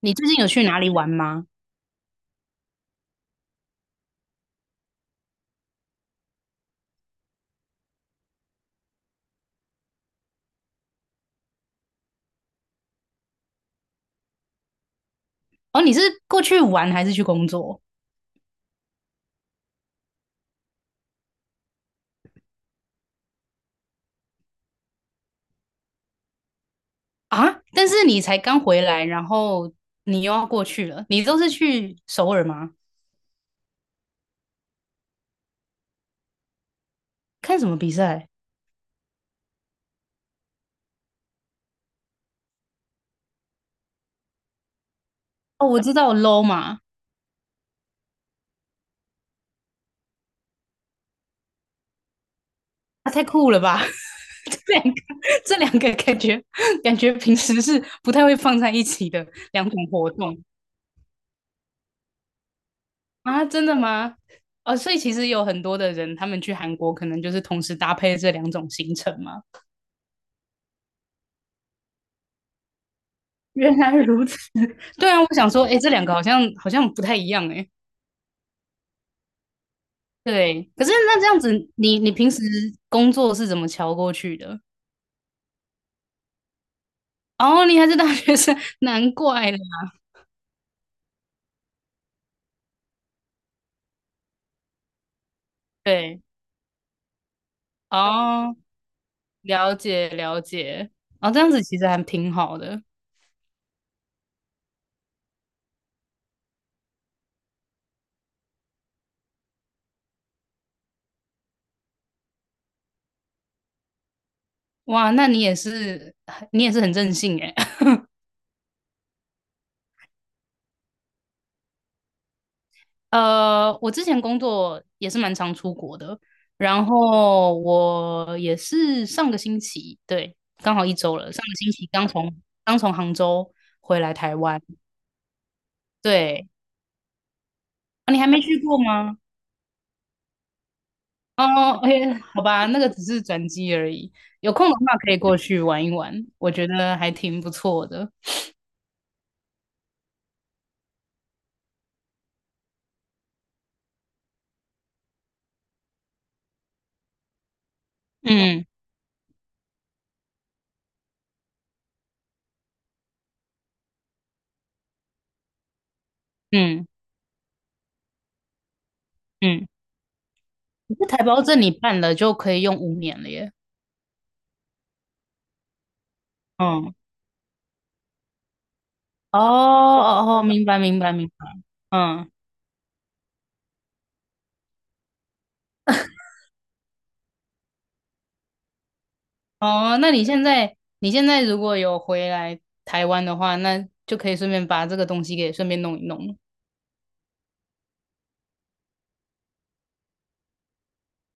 你最近有去哪里玩吗？哦，你是过去玩还是去工作？啊？但是你才刚回来，然后你又要过去了，你都是去首尔吗？看什么比赛？哦，我知道 LoL 嘛。啊，太酷了吧！这两个，这两个感觉平时是不太会放在一起的两种活动。啊，真的吗？哦，所以其实有很多的人，他们去韩国可能就是同时搭配这两种行程嘛。原来如此，对啊，我想说，哎，这两个好像不太一样，哎，对。可是那这样子，你平时工作是怎么瞧过去的？哦，你还是大学生，难怪啦。对。哦，了解了解。哦，这样子其实还挺好的。哇，那你也是你也是很任性哎。我之前工作也是蛮常出国的，然后我也是上个星期，对，刚好一周了，上个星期刚从杭州回来台湾。对，啊，你还没去过吗？哦，o k 好吧，那个只是转机而已。有空的话可以过去玩一玩，我觉得还挺不错的。嗯嗯嗯，可是台胞证你办了就可以用五年了耶。嗯，哦哦哦，明白明白明白。嗯。哦，那你现在如果有回来台湾的话，那就可以顺便把这个东西给顺便弄一弄。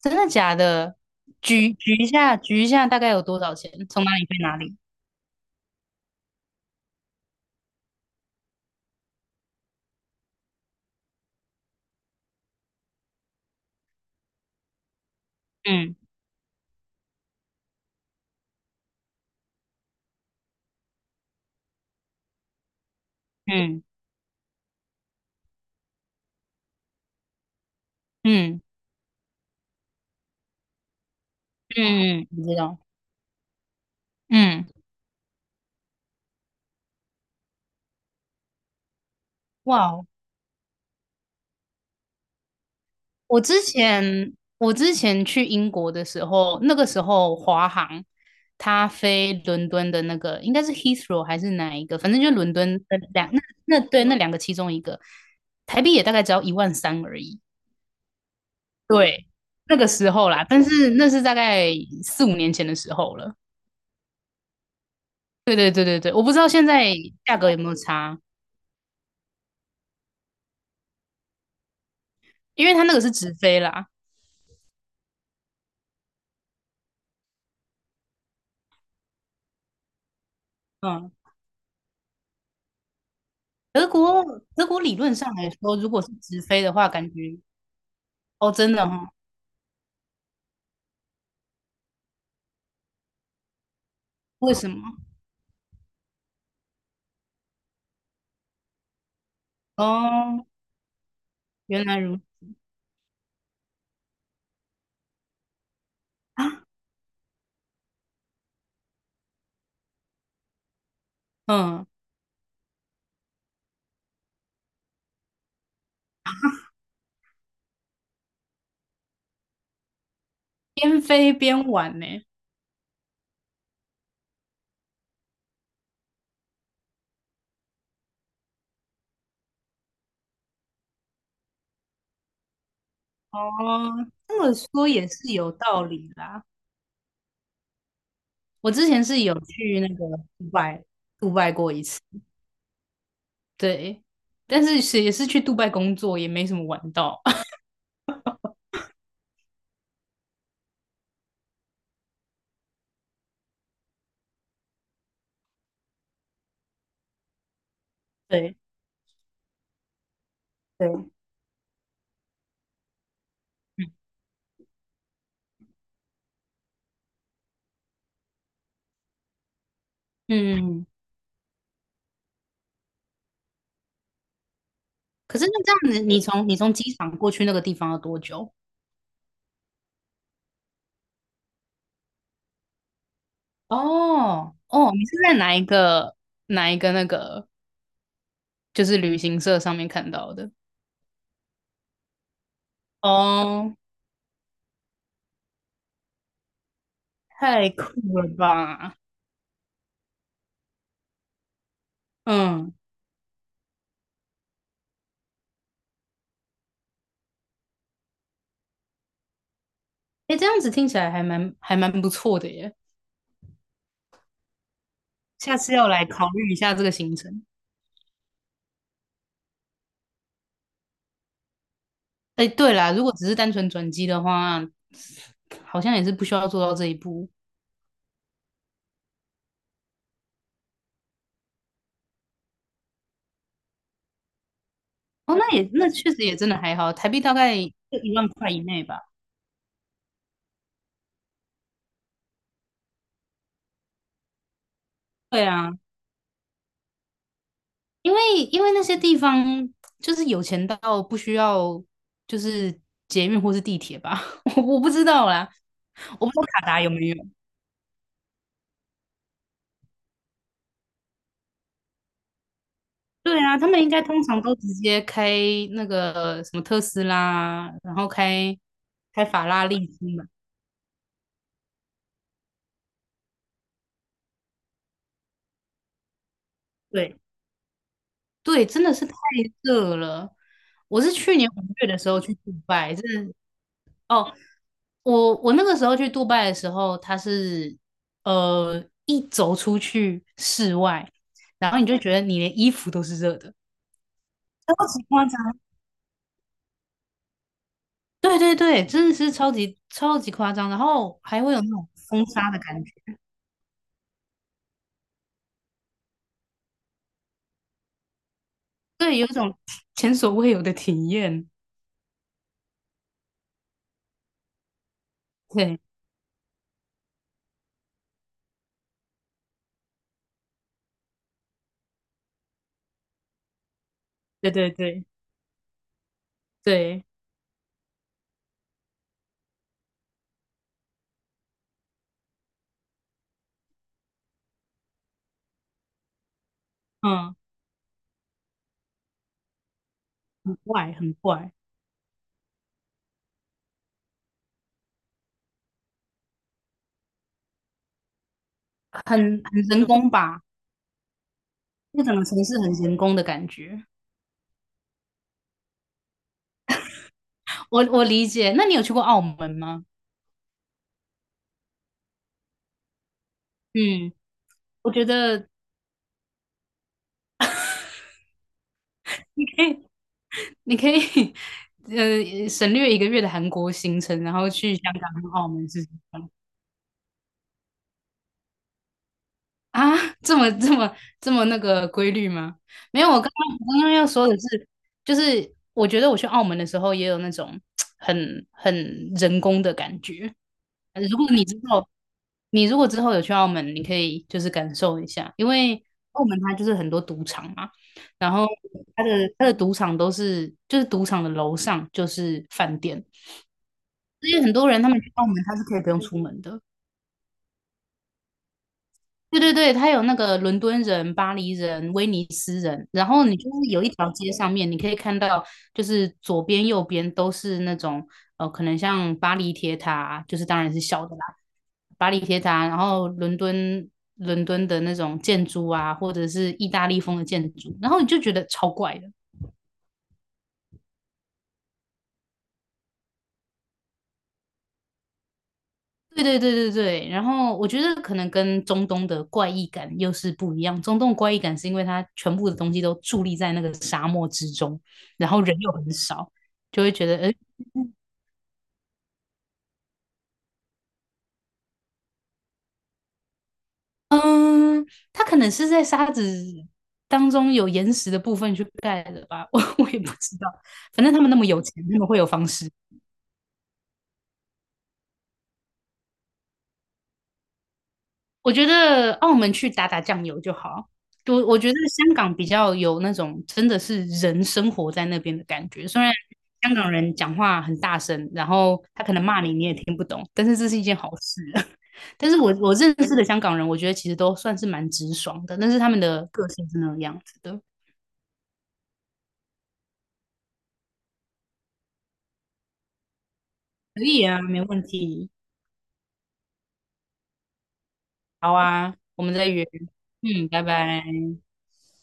真的假的？举举一下，举一下，大概有多少钱？从哪里飞哪里？嗯嗯嗯嗯，嗯，我知道。嗯，哇，我之前去英国的时候，那个时候华航它飞伦敦的那个应该是 Heathrow 还是哪一个，反正就伦敦的那对那两个其中一个，台币也大概只要1万3而已。对，那个时候啦，但是那是大概4、5年前的时候了。对对对对对，我不知道现在价格有没有差，因为它那个是直飞啦。嗯，德国理论上来说，如果是直飞的话，感觉哦真的哈、哦为什么？哦，原来如此啊，嗯，边飞边玩呢。哦，这么说也是有道理啦。我之前是有去那个杜拜，杜拜过一次，对，但是是也是去杜拜工作，也没什么玩到。对对，嗯，可是那这样子，你从机场过去那个地方要多久？哦哦，你是在哪一个那个就是旅行社上面看到的？哦，太酷了吧！嗯，哎，这样子听起来还蛮不错的耶。下次要来考虑一下这个行程。哎，对啦，如果只是单纯转机的话，好像也是不需要做到这一步。哦，那也那确实也真的还好，台币大概就1万块以内吧。对啊，因为那些地方就是有钱到不需要就是捷运或是地铁吧，我不知道啦，我不知道卡达有没有。对啊，他们应该通常都直接开那个什么特斯拉，然后开法拉利出门。对对，真的是太热了。我是去年5月的时候去杜拜，真的哦，我那个时候去杜拜的时候，它是一走出去室外，然后你就觉得你连衣服都是热的，超级夸张。对对对，真的是超级超级夸张，然后还会有那种风沙的感觉。对，有一种前所未有的体验。对，对对对对，嗯，很怪，很怪，很很人工吧？那整个城市很人工的感觉。我我理解。那你有去过澳门吗？嗯，我觉得 你可以，你可以，省略1个月的韩国行程，然后去香港和澳门试试看。啊，这么这么这么那个规律吗？没有，我刚刚要说的是，就是我觉得我去澳门的时候也有那种 很人工的感觉。如果你之后你如果之后有去澳门，你可以就是感受一下，因为澳门它就是很多赌场嘛，然后它的它的赌场都是就是赌场的楼上就是饭店，所以很多人他们去澳门他是可以不用出门的。对对对，它有那个伦敦人、巴黎人、威尼斯人，然后你就是有一条街上面，你可以看到，就是左边、右边都是那种可能像巴黎铁塔，就是当然是小的啦，巴黎铁塔，然后伦敦的那种建筑啊，或者是意大利风的建筑，然后你就觉得超怪的。对对对对对，然后我觉得可能跟中东的怪异感又是不一样。中东怪异感是因为它全部的东西都伫立在那个沙漠之中，然后人又很少，就会觉得，嗯，它可能是在沙子当中有岩石的部分去盖的吧，我也不知道。反正他们那么有钱，他们会有方式。我觉得澳门去打打酱油就好。我觉得香港比较有那种真的是人生活在那边的感觉，虽然香港人讲话很大声，然后他可能骂你你也听不懂，但是这是一件好事。但是我认识的香港人，我觉得其实都算是蛮直爽的，但是他们的个性是那个样子的。可以啊，没问题。好啊，我们再约。嗯，拜拜。